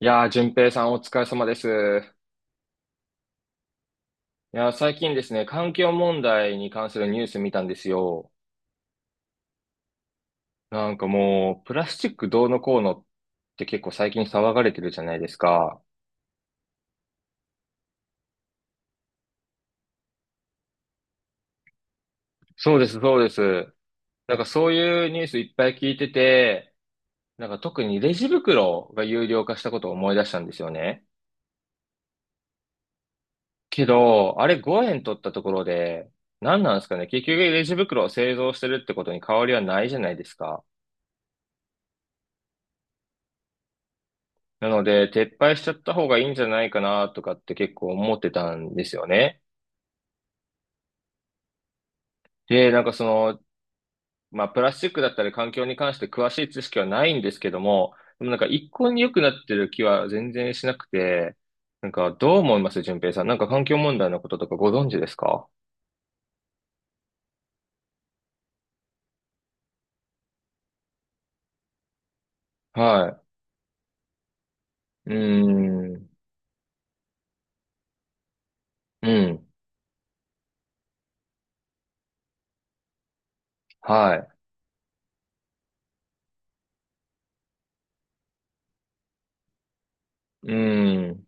いやー、淳平さんお疲れ様です。いやー、最近ですね、環境問題に関するニュース見たんですよ。なんかもう、プラスチックどうのこうのって結構最近騒がれてるじゃないですか。そうです、そうです。なんかそういうニュースいっぱい聞いてて、なんか特にレジ袋が有料化したことを思い出したんですよね。けど、あれ5円取ったところで、何なんですかね。結局レジ袋を製造してるってことに変わりはないじゃないですか。なので、撤廃しちゃった方がいいんじゃないかなとかって結構思ってたんですよね。で、なんかまあ、プラスチックだったり環境に関して詳しい知識はないんですけども、でもなんか一向に良くなってる気は全然しなくて、なんかどう思います、順平さん。なんか環境問題のこととかご存知ですか？はい。うーん。うん。はい。うーん。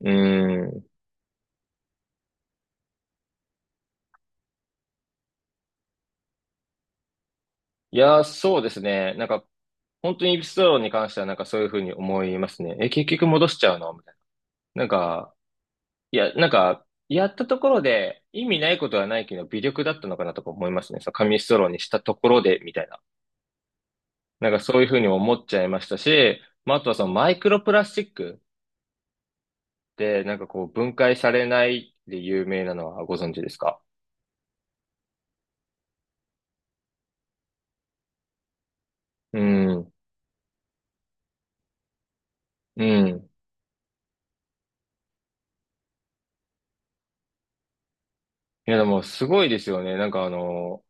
うーん。いやー、そうですね。なんか、本当にエピソードに関してはなんかそういうふうに思いますね。え、結局戻しちゃうのみたいな。なんか、いや、なんか、やったところで意味ないことはないけど、微力だったのかなとか思いますね。その紙ストローにしたところで、みたいな。なんかそういうふうに思っちゃいましたし、まあ、あとはそのマイクロプラスチックでなんかこう分解されないで有名なのはご存知ですか？うん、うん。いや、でもすごいですよね。なんか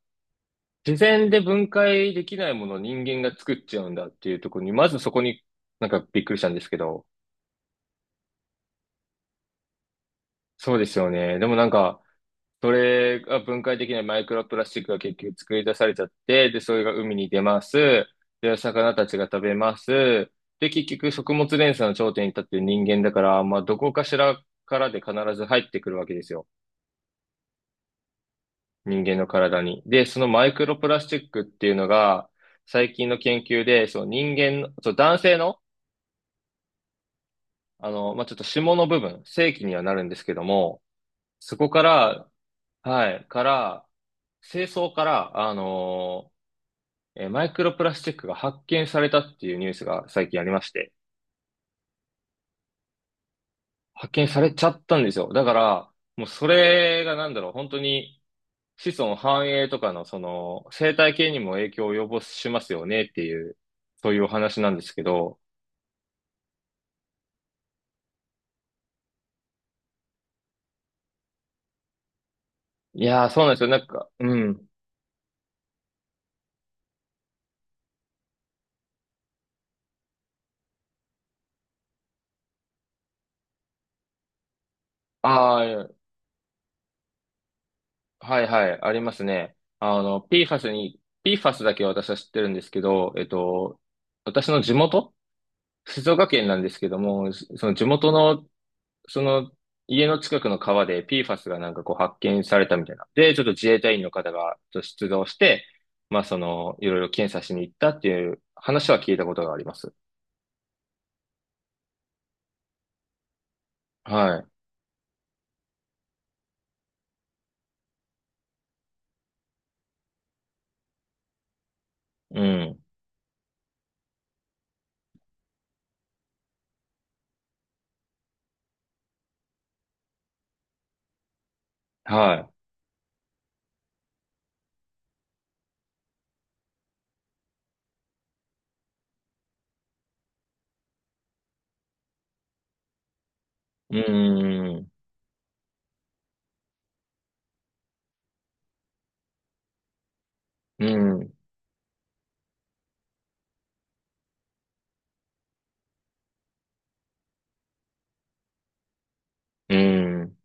自然で分解できないものを人間が作っちゃうんだっていうところに、まずそこになんかびっくりしたんですけど、そうですよね。でもなんか、それが分解できないマイクロプラスチックが結局作り出されちゃって、で、それが海に出ます。で、魚たちが食べます。で、結局食物連鎖の頂点に立ってる人間だから、まあ、どこかしらからで必ず入ってくるわけですよ。人間の体に。で、そのマイクロプラスチックっていうのが、最近の研究で、そう、人間の、そう、男性の、まあ、ちょっと下の部分、性器にはなるんですけども、そこから、はい、から、精巣から、マイクロプラスチックが発見されたっていうニュースが最近ありまして、発見されちゃったんですよ。だから、もうそれがなんだろう、本当に子孫繁栄とかのその生態系にも影響を及ぼしますよねっていう、そういうお話なんですけど、いやー、そうなんですよ。なんか、うん。ああ、はいはい、ありますね。PFAS に、PFAS だけは私は知ってるんですけど、私の地元静岡県なんですけども、その地元のその家の近くの川で PFAS がなんかこう発見されたみたいな。で、ちょっと自衛隊員の方がちょっと出動して、まあその、いろいろ検査しに行ったっていう話は聞いたことがあります。はい。うん。はい。うん。うん。うん。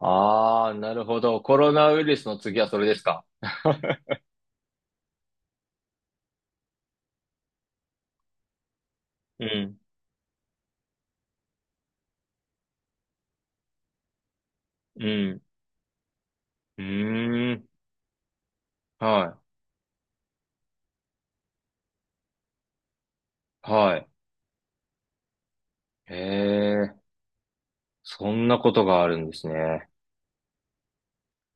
ああ、なるほど。コロナウイルスの次はそれですか。うん。うん。うーん。はい。はい。へえ、そんなことがあるんですね。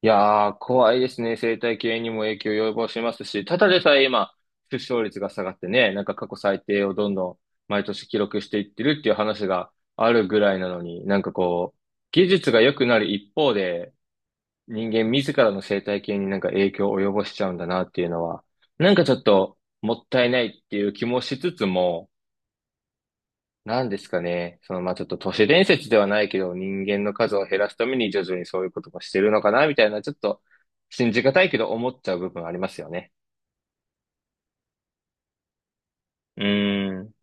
いやー、怖いですね。生態系にも影響を及ぼしますし、ただでさえ今、出生率が下がってね、なんか過去最低をどんどん毎年記録していってるっていう話があるぐらいなのに、なんかこう、技術が良くなる一方で、人間自らの生態系になんか影響を及ぼしちゃうんだなっていうのは、なんかちょっともったいないっていう気もしつつも、なんですかね。まあ、ちょっと都市伝説ではないけど、人間の数を減らすために徐々にそういうこともしてるのかな、みたいな、ちょっと信じがたいけど思っちゃう部分ありますよね。うーん。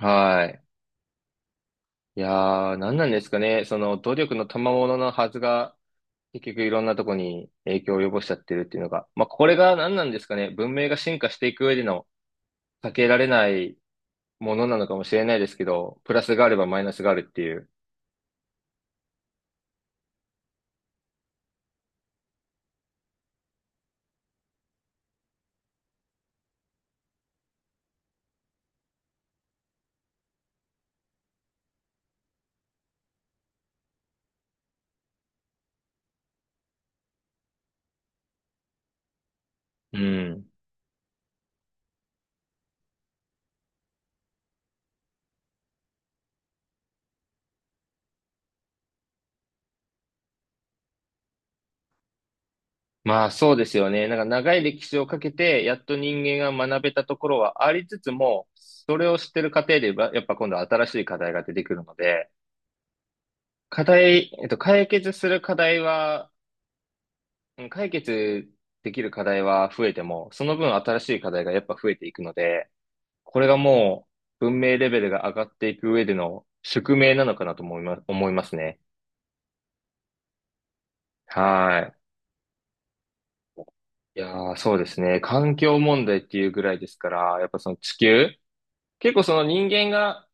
はい。いやー、なんなんですかね。努力の賜物のはずが、結局いろんなとこに影響を及ぼしちゃってるっていうのが、まあ、これが何なんですかね。文明が進化していく上での避けられないものなのかもしれないですけど、プラスがあればマイナスがあるっていう。うん。まあそうですよね。なんか長い歴史をかけて、やっと人間が学べたところはありつつも、それを知ってる過程でば、やっぱ今度は新しい課題が出てくるので、課題、解決する課題は、うん解決できる課題は増えても、その分新しい課題がやっぱ増えていくので、これがもう文明レベルが上がっていく上での宿命なのかなと思いますね。はい。いやー、そうですね。環境問題っていうぐらいですから、やっぱその地球、結構その人間が、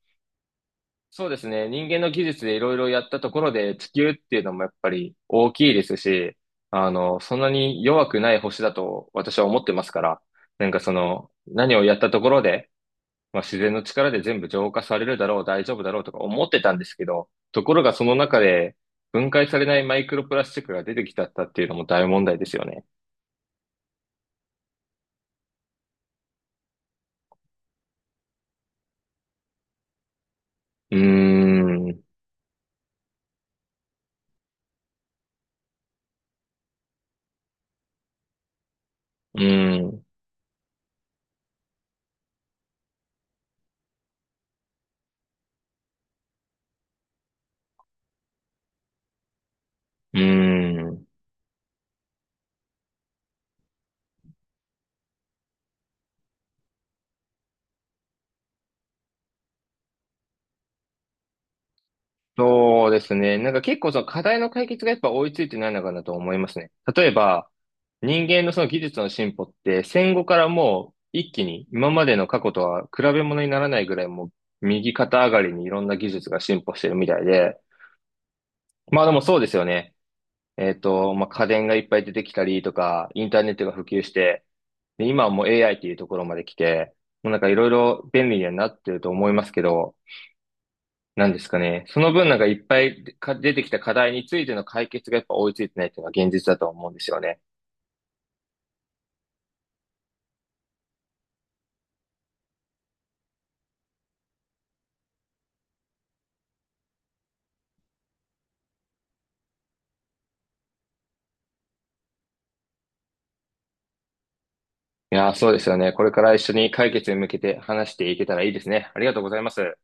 そうですね、人間の技術でいろいろやったところで地球っていうのもやっぱり大きいですし、そんなに弱くない星だと私は思ってますから、なんかその、何をやったところで、まあ、自然の力で全部浄化されるだろう、大丈夫だろうとか思ってたんですけど、ところがその中で分解されないマイクロプラスチックが出てきちゃったっていうのも大問題ですよね。うーん、うーん、うーん。そうですね。なんか結構その課題の解決がやっぱ追いついてないのかなと思いますね。例えば、人間のその技術の進歩って戦後からもう一気に今までの過去とは比べ物にならないぐらいもう右肩上がりにいろんな技術が進歩してるみたいで。まあでもそうですよね。まあ家電がいっぱい出てきたりとか、インターネットが普及して、で今はもう AI っていうところまで来て、もうなんかいろいろ便利にはなってると思いますけど、なんですかね。その分なんかいっぱいか出てきた課題についての解決がやっぱ追いついてないっていうのが現実だと思うんですよね。いやー、そうですよね。これから一緒に解決に向けて話していけたらいいですね。ありがとうございます。